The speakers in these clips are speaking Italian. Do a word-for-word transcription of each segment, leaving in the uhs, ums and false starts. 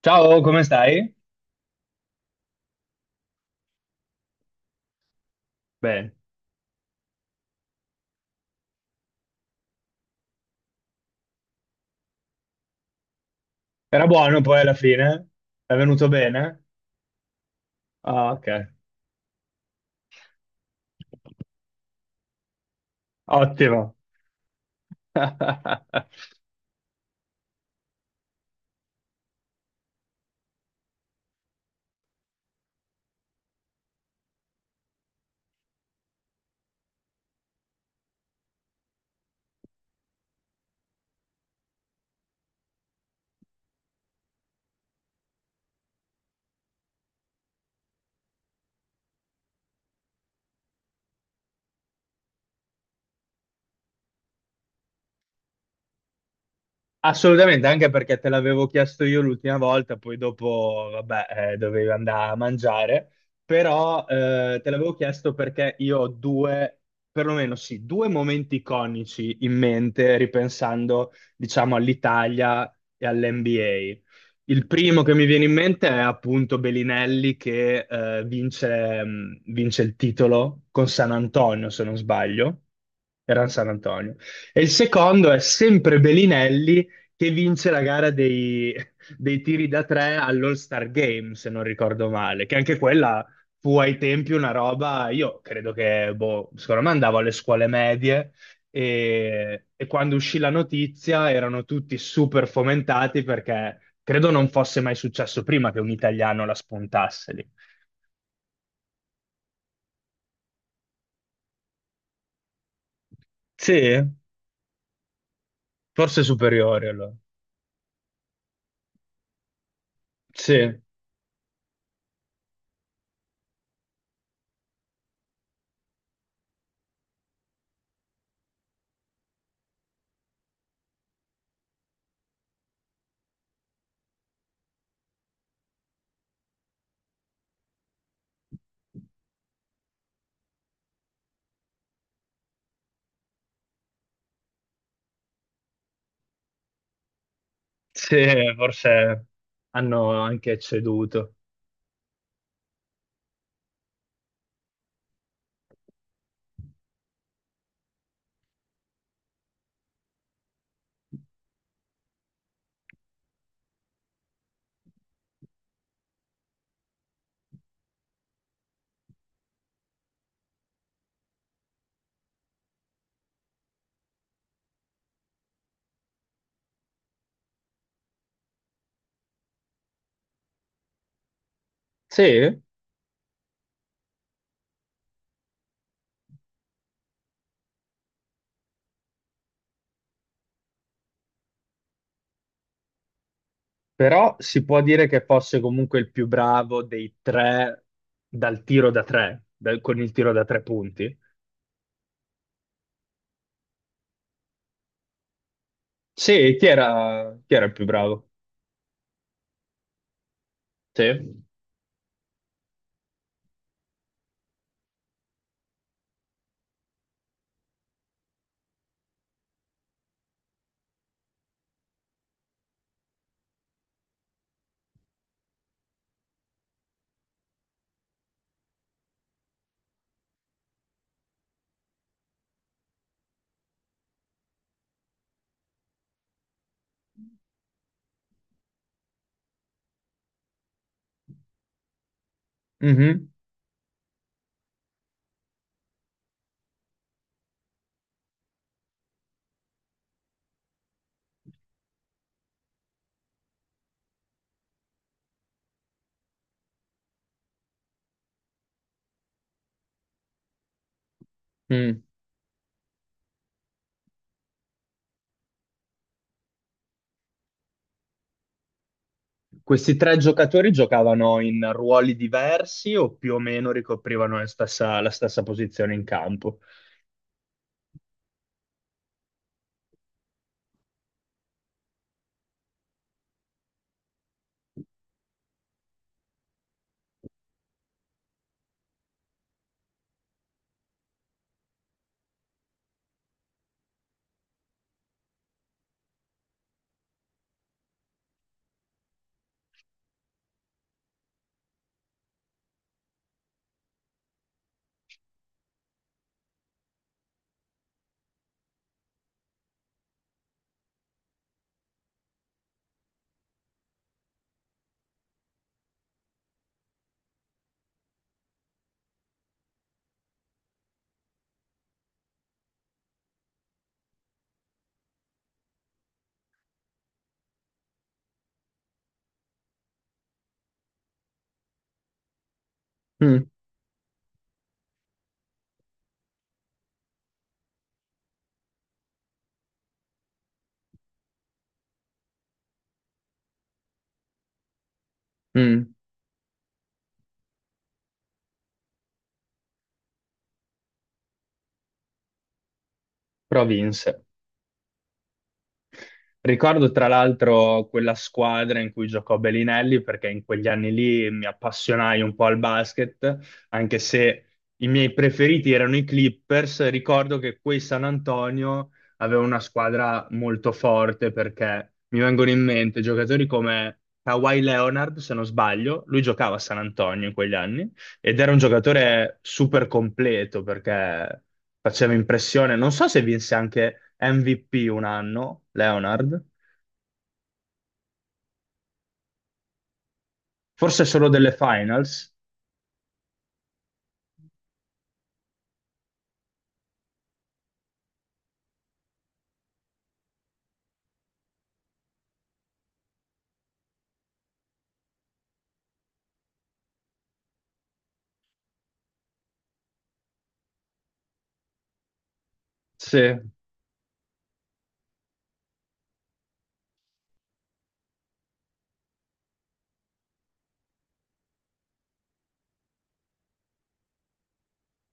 Ciao, come stai? Bene. Era buono poi alla fine? È venuto bene? Ah, ok. Ottimo. Assolutamente, anche perché te l'avevo chiesto io l'ultima volta, poi dopo, vabbè, eh, dovevi andare a mangiare, però eh, te l'avevo chiesto perché io ho due, perlomeno sì, due momenti iconici in mente, ripensando, diciamo, all'Italia e all'N B A. Il primo che mi viene in mente è appunto Belinelli che eh, vince, mh, vince il titolo con San Antonio, se non sbaglio. Era San Antonio. E il secondo è sempre Belinelli che vince la gara dei, dei tiri da tre all'All-Star Game, se non ricordo male, che anche quella fu ai tempi una roba. Io credo che, boh, secondo me andavo alle scuole medie e, e quando uscì la notizia erano tutti super fomentati perché credo non fosse mai successo prima che un italiano la spuntasse lì. Sì, forse superiori allora. Sì, sì, forse hanno anche ceduto. Sì? Però si può dire che fosse comunque il più bravo dei tre dal tiro da tre, dal- con il tiro da tre punti. Sì, chi era, chi era il più bravo? Sì. Mhm. Mm. Questi tre giocatori giocavano in ruoli diversi o più o meno ricoprivano la stessa, la stessa posizione in campo? Mm. Mm. Però vinse. Ricordo tra l'altro quella squadra in cui giocò Bellinelli perché in quegli anni lì mi appassionai un po' al basket, anche se i miei preferiti erano i Clippers. Ricordo che quei San Antonio aveva una squadra molto forte perché mi vengono in mente giocatori come Kawhi Leonard, se non sbaglio, lui giocava a San Antonio in quegli anni ed era un giocatore super completo perché faceva impressione. Non so se vinse anche M V P un anno, Leonard, forse solo delle finals. Sì, è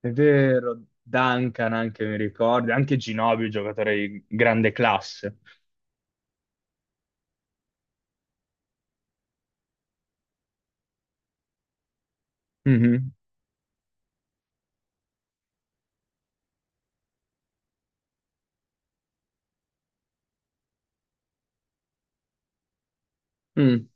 vero. Duncan anche mi ricordo, anche Ginobili, giocatore di grande classe. Mhm. Mm.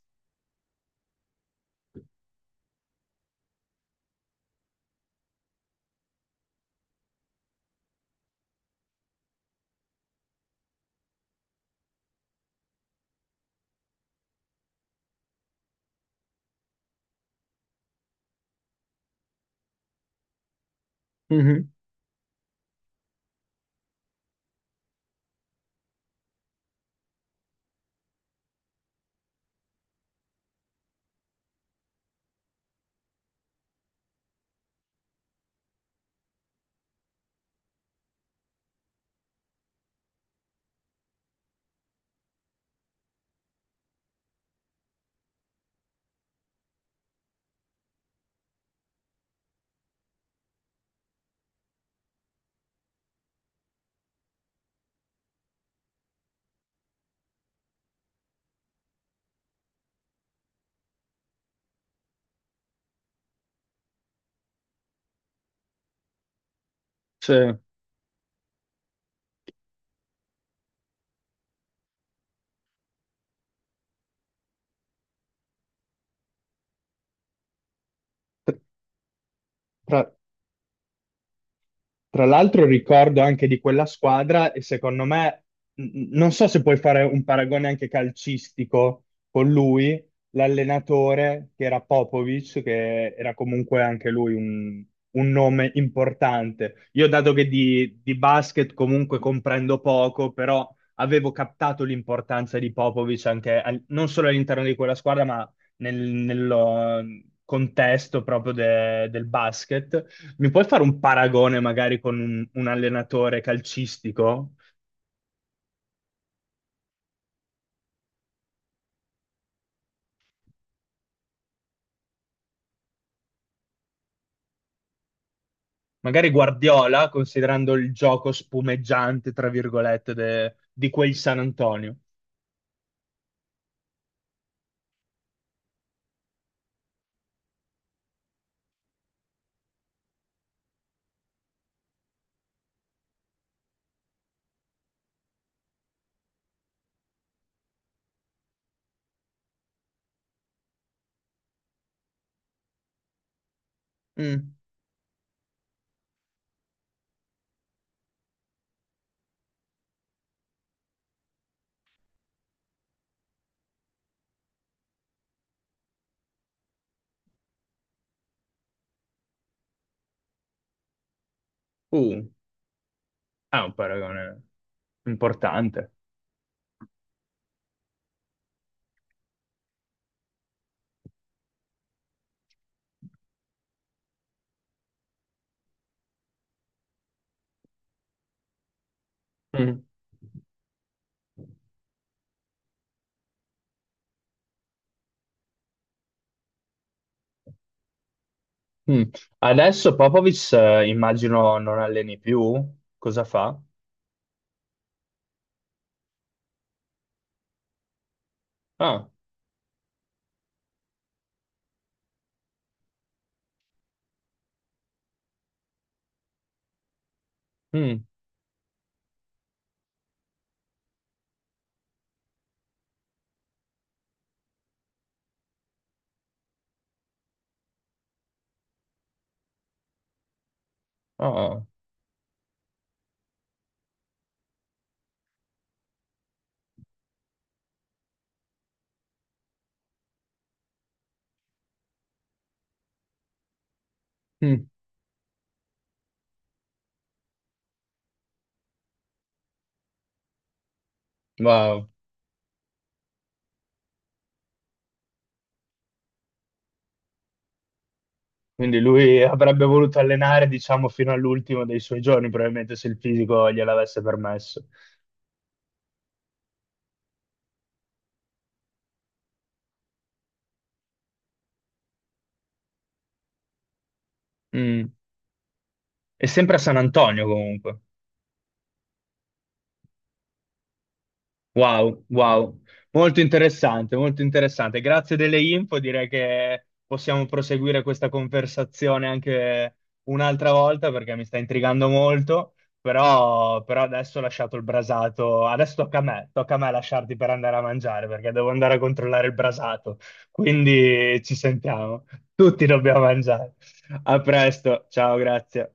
Mhm. Sì. Tra- Tra l'altro ricordo anche di quella squadra e secondo me, n- non so se puoi fare un paragone anche calcistico con lui, l'allenatore che era Popovic, che era comunque anche lui un, un nome importante. Io dato che di, di basket comunque comprendo poco, però avevo captato l'importanza di Popovic anche al- non solo all'interno di quella squadra, ma nel, nello contesto proprio de- del basket. Mi puoi fare un paragone magari con un, un allenatore calcistico? Magari Guardiola, considerando il gioco spumeggiante, tra virgolette, de- di quel San Antonio. Mm. Uh, è un paragone importante. Mm. Mm. Adesso Popovic, eh, immagino non alleni più. Cosa fa? Ah, mm. Ah. Mm. Wow. Quindi lui avrebbe voluto allenare, diciamo, fino all'ultimo dei suoi giorni, probabilmente se il fisico gliel'avesse permesso. Mm. È sempre a San Antonio comunque. Wow, wow, molto interessante, molto interessante. Grazie delle info, direi che possiamo proseguire questa conversazione anche un'altra volta perché mi sta intrigando molto, però, però adesso ho lasciato il brasato, adesso tocca a me, tocca a me lasciarti per andare a mangiare perché devo andare a controllare il brasato, quindi ci sentiamo, tutti dobbiamo mangiare. A presto, ciao, grazie.